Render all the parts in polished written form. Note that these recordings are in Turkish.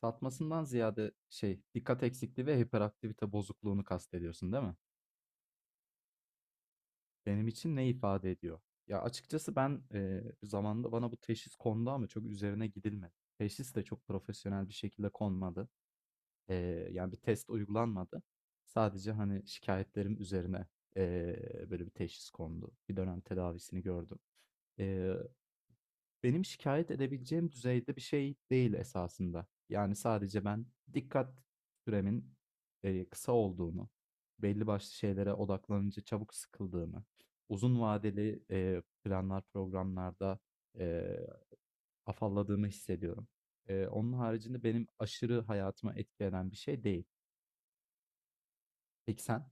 Satmasından ziyade şey, dikkat eksikliği ve hiperaktivite bozukluğunu kastediyorsun değil mi? Benim için ne ifade ediyor? Ya açıkçası ben zamanında bana bu teşhis kondu ama çok üzerine gidilmedi. Teşhis de çok profesyonel bir şekilde konmadı. E, Yani bir test uygulanmadı. Sadece hani şikayetlerim üzerine e, böyle bir teşhis kondu. Bir dönem tedavisini gördüm. E, Benim şikayet edebileceğim düzeyde bir şey değil esasında. Yani sadece ben dikkat süremin kısa olduğunu, belli başlı şeylere odaklanınca çabuk sıkıldığımı, uzun vadeli planlar, programlarda e, afalladığımı hissediyorum. Onun haricinde benim aşırı hayatıma etki eden bir şey değil. Peki sen?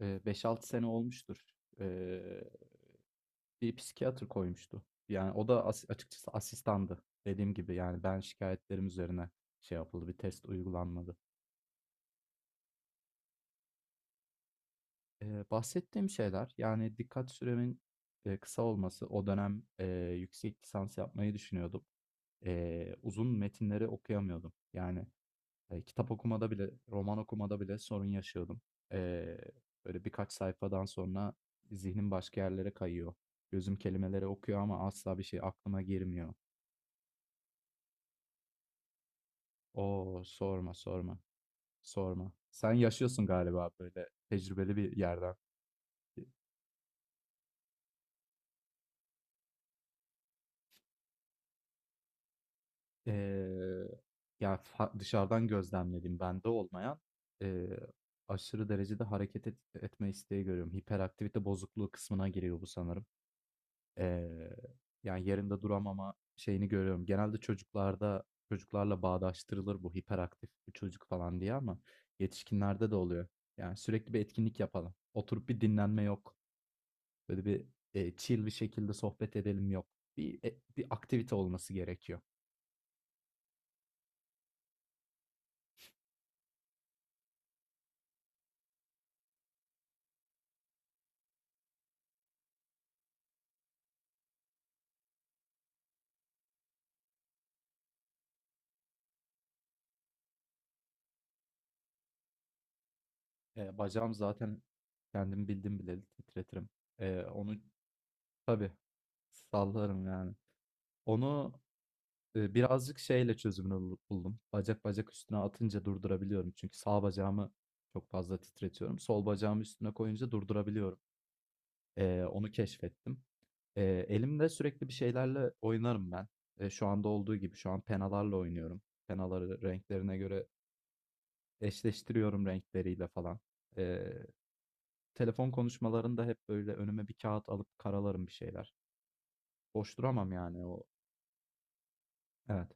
5-6 sene olmuştur. E, Bir psikiyatr koymuştu. Yani o da açıkçası asistandı. Dediğim gibi yani ben şikayetlerim üzerine şey yapıldı, bir test uygulanmadı. Bahsettiğim şeyler yani dikkat süremin kısa olması. O dönem yüksek lisans yapmayı düşünüyordum. Uzun metinleri okuyamıyordum. Yani kitap okumada bile, roman okumada bile sorun yaşıyordum. E, Böyle birkaç sayfadan sonra zihnim başka yerlere kayıyor. Gözüm kelimeleri okuyor ama asla bir şey aklıma girmiyor. Oo sorma sorma sorma. Sen yaşıyorsun galiba böyle tecrübeli bir yerden. Ee, dışarıdan gözlemlediğim bende olmayan ee, aşırı derecede hareket etme isteği görüyorum. Hiperaktivite bozukluğu kısmına giriyor bu sanırım. Ee, Yani yerinde duramama şeyini görüyorum. Genelde çocuklarla bağdaştırılır bu hiperaktif bir çocuk falan diye ama yetişkinlerde de oluyor. Yani sürekli bir etkinlik yapalım. Oturup bir dinlenme yok. Böyle bir chill bir şekilde sohbet edelim yok. Bir aktivite olması gerekiyor. Bacağım zaten kendim bildim bileli titretirim. Onu tabii sallarım yani. Onu birazcık şeyle çözümünü buldum. Bacak bacak üstüne atınca durdurabiliyorum. Çünkü sağ bacağımı çok fazla titretiyorum. Sol bacağımı üstüne koyunca durdurabiliyorum. Onu keşfettim. Elimde sürekli bir şeylerle oynarım ben. Şu anda olduğu gibi şu an penalarla oynuyorum. Penaları renklerine göre eşleştiriyorum renkleriyle falan. Eee, Telefon konuşmalarında hep böyle önüme bir kağıt alıp karalarım bir şeyler. Boş duramam yani o. Evet.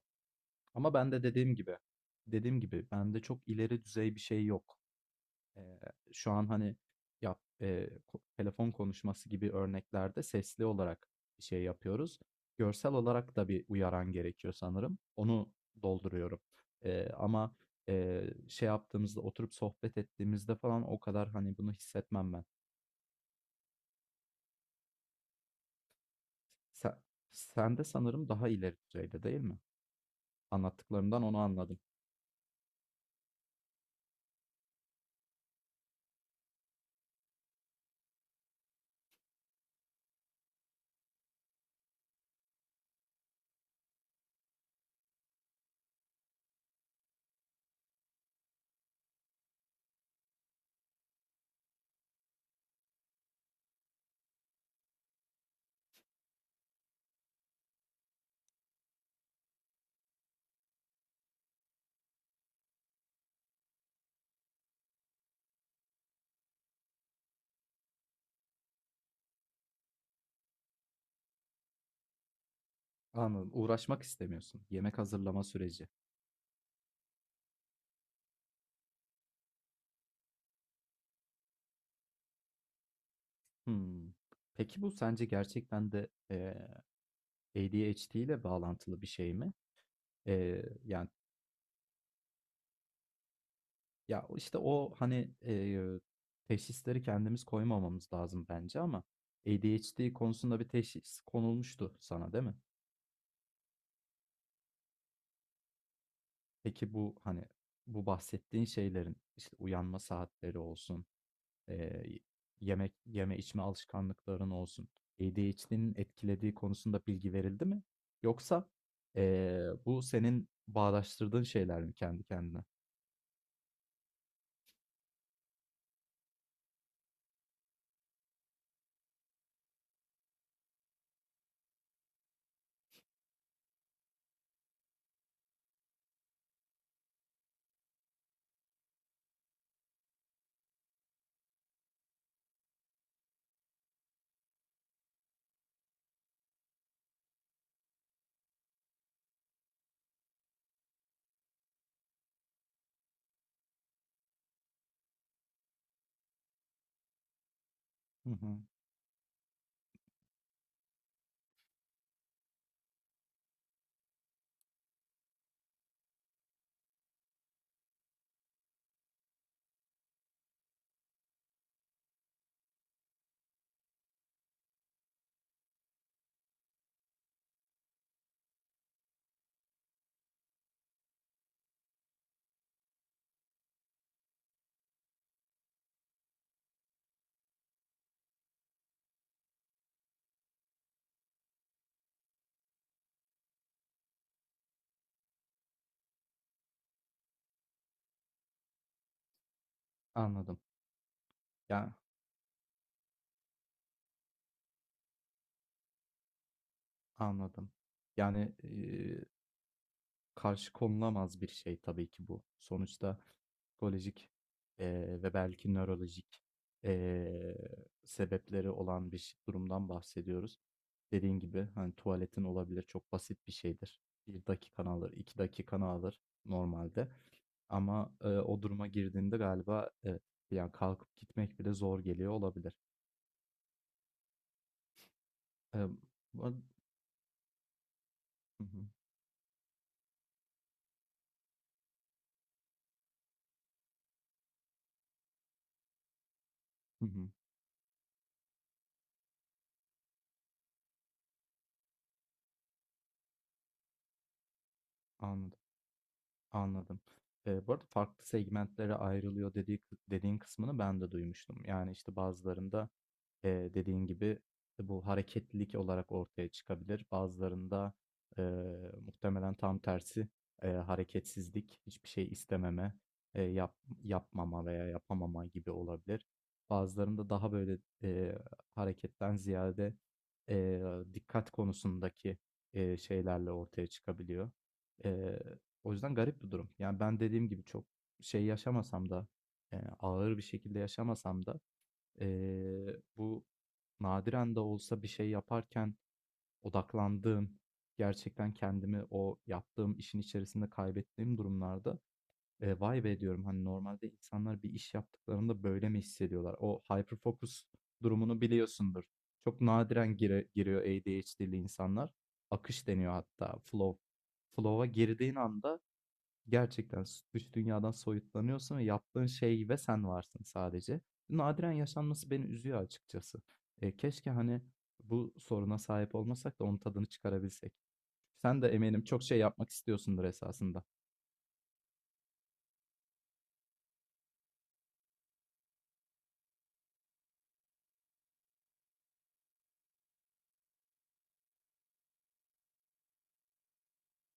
Ama ben de dediğim gibi, bende çok ileri düzey bir şey yok. Eee, Şu an hani telefon konuşması gibi örneklerde sesli olarak bir şey yapıyoruz. Görsel olarak da bir uyaran gerekiyor sanırım. Onu dolduruyorum. Ama Şey yaptığımızda oturup sohbet ettiğimizde falan o kadar hani bunu hissetmem ben. Sen, sen de sanırım daha ileri düzeyde değil mi? Anlattıklarımdan onu anladım. Anladım. Uğraşmak istemiyorsun. Yemek hazırlama süreci. Hmm. Peki bu sence gerçekten de ADHD ile bağlantılı bir şey mi? Yani ya işte o hani teşhisleri kendimiz koymamamız lazım bence ama ADHD konusunda bir teşhis konulmuştu sana değil mi? Peki bu hani bu bahsettiğin şeylerin işte uyanma saatleri olsun, Eee, yemek yeme içme alışkanlıkların olsun, ADHD'nin etkilediği konusunda bilgi verildi mi? Yoksa, bu senin bağdaştırdığın şeyler mi kendi kendine? Hı hı. Anladım. Ya, anladım. Yani, karşı konulamaz bir şey tabii ki bu. Sonuçta psikolojik, ve belki nörolojik, eee, sebepleri olan bir durumdan bahsediyoruz. Dediğin gibi, hani, tuvaletin olabilir, çok basit bir şeydir. Bir dakikanı alır, 2 dakikanı alır normalde ama, o duruma girdiğinde galiba evet, yani kalkıp gitmek bile zor geliyor olabilir. Emm, bu ar Hı hı. Hı hı. Anladım. Anladım. Bu arada farklı segmentlere ayrılıyor dediğin kısmını ben de duymuştum. Yani, işte, bazılarında, dediğin gibi bu hareketlilik olarak ortaya çıkabilir. Bazılarında, eee, muhtemelen tam tersi, hareketsizlik, hiçbir şey istememe, eee, yap yapmama veya yapamama gibi olabilir. Bazılarında daha böyle, hareketten ziyade, eee, dikkat konusundaki, şeylerle ortaya çıkabiliyor. O yüzden garip bir durum. Yani ben dediğim gibi çok şey yaşamasam da ağır bir şekilde yaşamasam da e, bu nadiren de olsa bir şey yaparken odaklandığım gerçekten kendimi o yaptığım işin içerisinde kaybettiğim durumlarda vay be diyorum hani normalde insanlar bir iş yaptıklarında böyle mi hissediyorlar? O hyper focus durumunu biliyorsundur. Çok nadiren giriyor ADHD'li insanlar. Akış deniyor hatta flow, flow'a girdiğin anda gerçekten dış dünyadan soyutlanıyorsun ve yaptığın şey ve sen varsın sadece. Nadiren yaşanması beni üzüyor açıkçası. Keşke hani bu soruna sahip olmasak da onun tadını çıkarabilsek. Sen de eminim çok şey yapmak istiyorsundur esasında.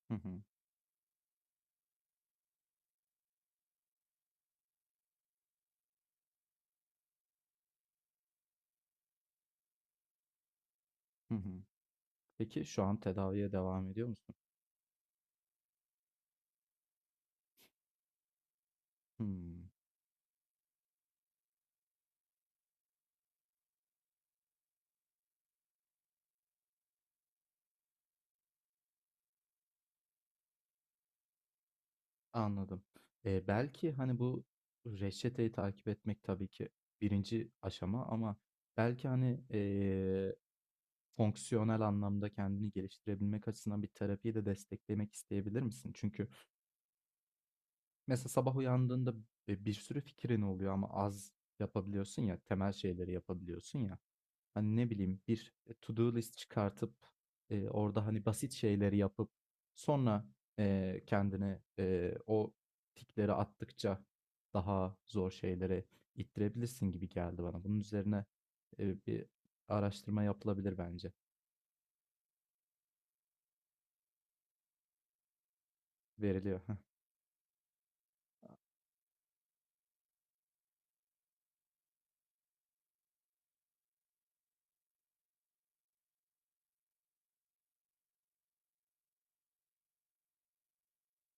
Hı hı. Hı hı. Peki şu an tedaviye devam ediyor musun? Hmm. Anladım. Belki hani bu reçeteyi takip etmek tabii ki birinci aşama ama belki hani fonksiyonel anlamda kendini geliştirebilmek açısından bir terapiyi de desteklemek isteyebilir misin? Çünkü mesela sabah uyandığında bir sürü fikrin oluyor ama az yapabiliyorsun ya, temel şeyleri yapabiliyorsun ya. Hani ne bileyim bir to do list çıkartıp orada hani basit şeyleri yapıp sonra kendini o tikleri attıkça daha zor şeylere ittirebilirsin gibi geldi bana. Bunun üzerine bir araştırma yapılabilir bence. Veriliyor.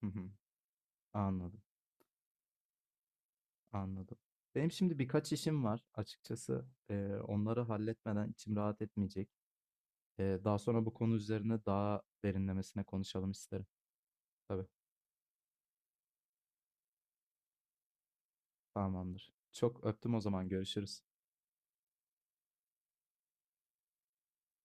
Hı hı. Anladım, anladım. Benim şimdi birkaç işim var açıkçası. Onları halletmeden içim rahat etmeyecek. Daha sonra bu konu üzerine daha derinlemesine konuşalım isterim. Tabii, tamamdır. Çok öptüm o zaman görüşürüz.